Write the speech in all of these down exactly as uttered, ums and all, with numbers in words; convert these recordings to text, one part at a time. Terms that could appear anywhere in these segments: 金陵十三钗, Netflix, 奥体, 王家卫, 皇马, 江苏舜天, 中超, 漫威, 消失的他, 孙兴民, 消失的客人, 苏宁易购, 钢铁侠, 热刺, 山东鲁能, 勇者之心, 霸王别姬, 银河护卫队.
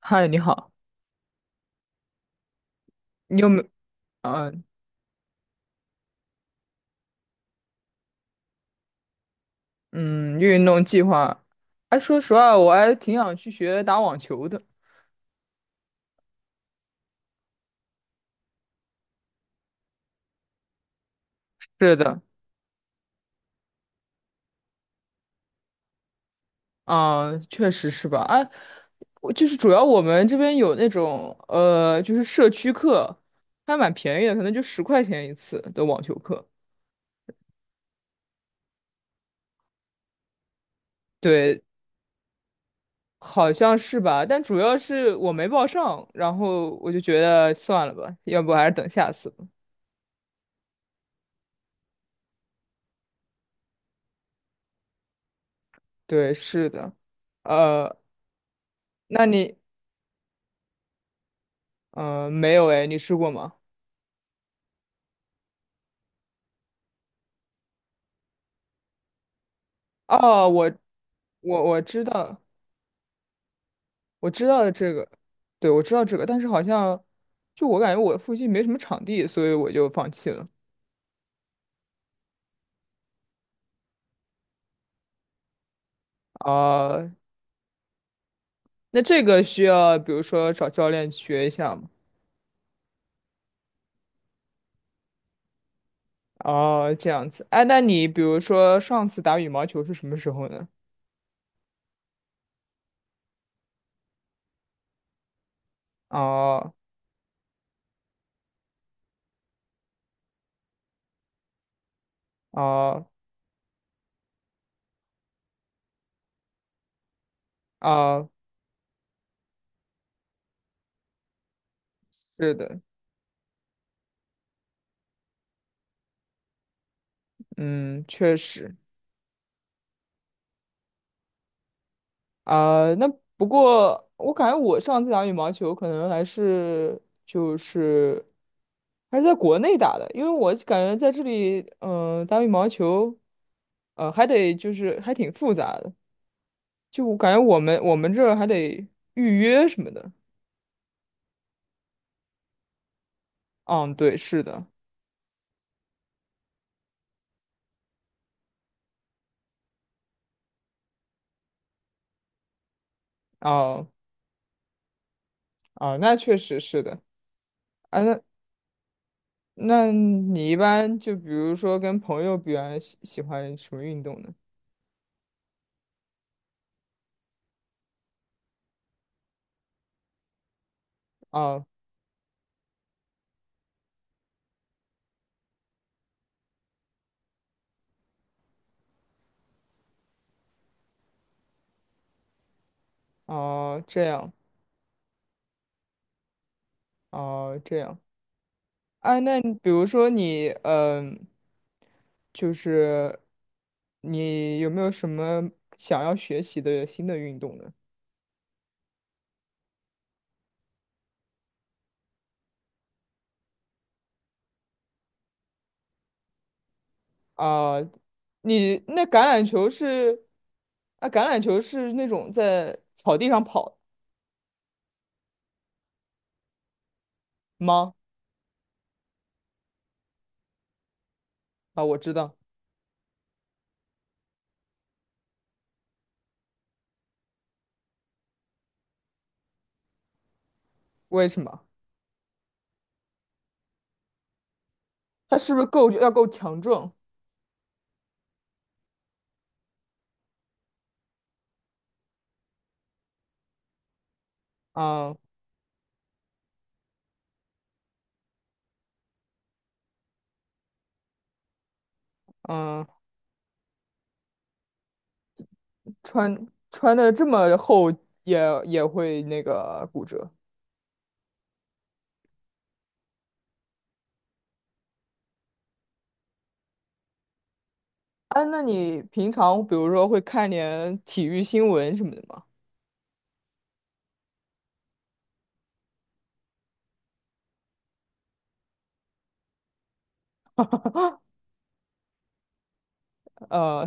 嗨，你好。你有没啊？嗯，运动计划。哎，说实话，我还挺想去学打网球的。是的。啊，确实是吧？哎，我就是主要我们这边有那种呃，就是社区课，还蛮便宜的，可能就十块钱一次的网球课。对，好像是吧？但主要是我没报上，然后我就觉得算了吧，要不还是等下次吧。对，是的。呃，那你呃没有。哎，你试过吗？哦，我我我知道，我知道这个。对，我知道这个，但是好像就我感觉我附近没什么场地，所以我就放弃了。啊，那这个需要比如说找教练学一下吗？哦，这样子。哎，那你比如说上次打羽毛球是什么时候呢？哦哦哦，是的。嗯，确实。啊，那不过我感觉我上次打羽毛球可能还是就是还是在国内打的，因为我感觉在这里，嗯、打羽毛球，呃，还得就是还挺复杂的，就我感觉我们我们这儿还得预约什么的。嗯，对，是的。哦哦，那确实是的啊。那那你一般就比如说跟朋友比完喜喜欢什么运动呢？哦哦，这样。哦，这样。啊，那你比如说你，嗯、就是你有没有什么想要学习的新的运动呢？啊，你那橄榄球是，啊，橄榄球是那种在草地上跑吗？啊，我知道。为什么？它是不是够要够强壮？啊，嗯，穿穿的这么厚也也会那个骨折。哎，那你平常比如说会看点体育新闻什么的吗？呃，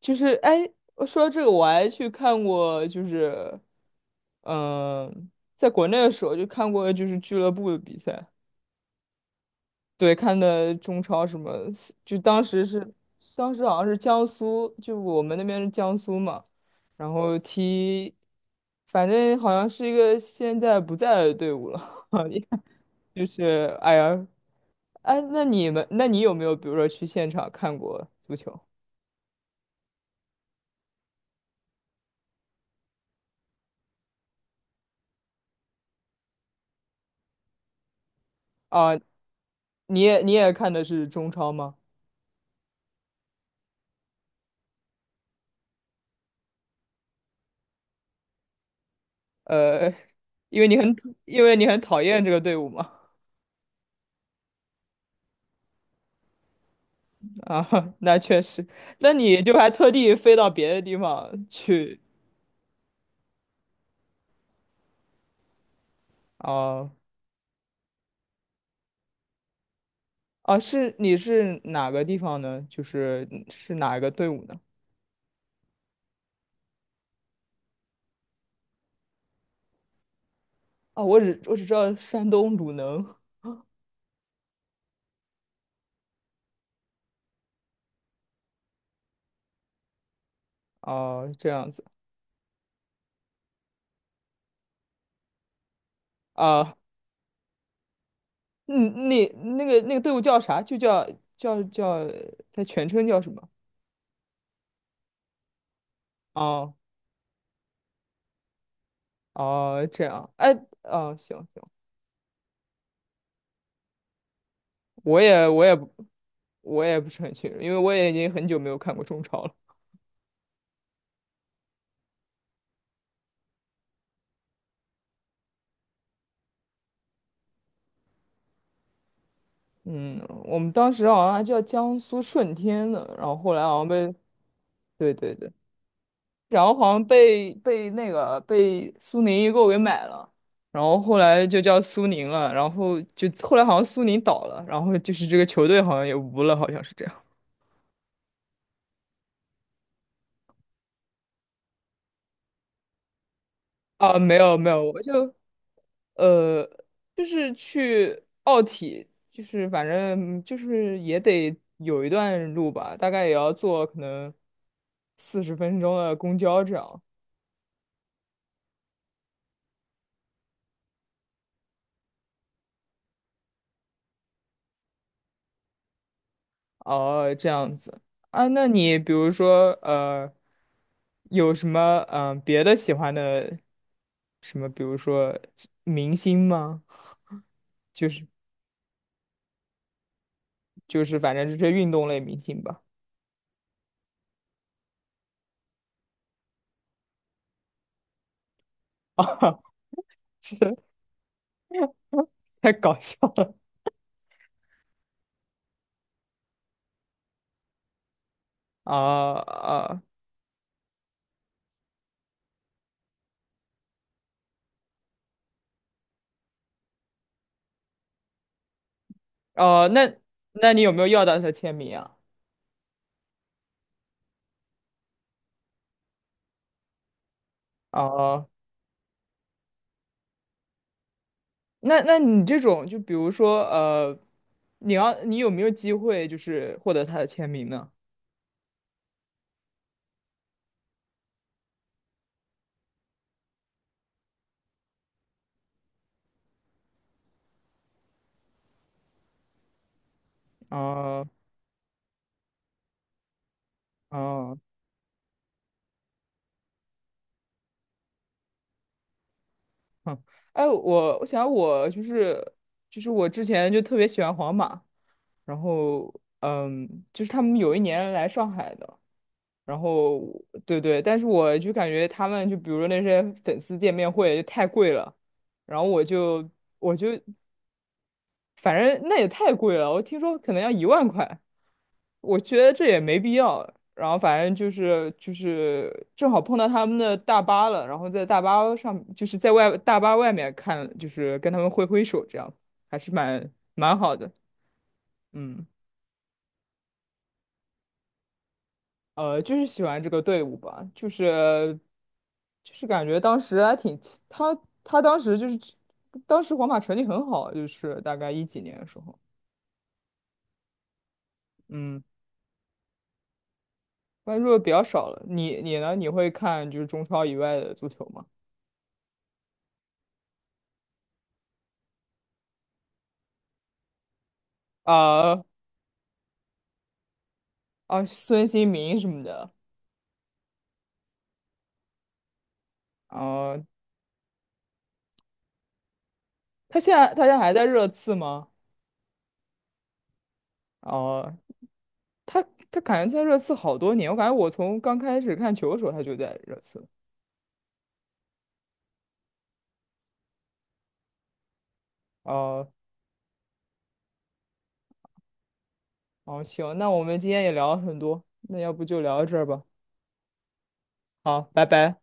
就是哎，我说到这个我还去看过，就是嗯、呃在国内的时候就看过就是俱乐部的比赛。对，看的中超什么，就当时是当时好像是江苏，就我们那边是江苏嘛，然后踢，反正好像是一个现在不在的队伍了，就是哎呀。哎，那你们那你有没有比如说去现场看过足球啊？你也你也看的是中超吗？呃，因为你很因为你很讨厌这个队伍嘛。啊，那确实，那你就还特地飞到别的地方去哦。啊，是你是哪个地方呢？就是是哪个队伍呢？啊，我只我只知道山东鲁能。哦，这样子啊。嗯，那那个那个队伍叫啥？就叫叫叫，它全称叫什么？哦哦，这样，哎，哦，行行，我也我也我也不是很清楚，因为我也已经很久没有看过中超了。嗯，我们当时好像还叫江苏舜天呢，然后后来好像被，对对对，然后好像被被那个被苏宁易购给买了，然后后来就叫苏宁了，然后就后来好像苏宁倒了，然后就是这个球队好像也无了，好像是这样。啊，没有没有。我就呃，就是去奥体，就是反正就是也得有一段路吧，大概也要坐可能四十分钟的公交这样。哦，这样子啊，那你比如说呃，有什么嗯、呃别的喜欢的什么，比如说明星吗？就是反正就是运动类明星吧。啊，是太搞笑了。啊啊哦，那那你有没有要到他签名啊？哦，那那你这种，就比如说，呃，你要你有没有机会就是获得他的签名呢？啊啊，哼，哎，我我想我就是就是我之前就特别喜欢皇马，然后嗯，就是他们有一年来上海的，然后对对，但是我就感觉他们就比如说那些粉丝见面会就太贵了，然后我就我就反正那也太贵了，我听说可能要一万块。我觉得这也没必要。然后反正就是就是正好碰到他们的大巴了，然后在大巴上就是在外大巴外面看，就是跟他们挥挥手，这样还是蛮蛮好的。嗯，呃，就是喜欢这个队伍吧，就是就是感觉当时还挺他他当时就是当时皇马成绩很好，就是大概一几年的时候。嗯，关注的比较少了。你你呢？你会看就是中超以外的足球吗？啊，啊，孙兴民什么的。哦，他现在他现在还在热刺吗？哦，他他感觉在热刺好多年，我感觉我从刚开始看球的时候他就在热刺。哦，哦，行，那我们今天也聊了很多，那要不就聊到这儿吧。好，拜拜。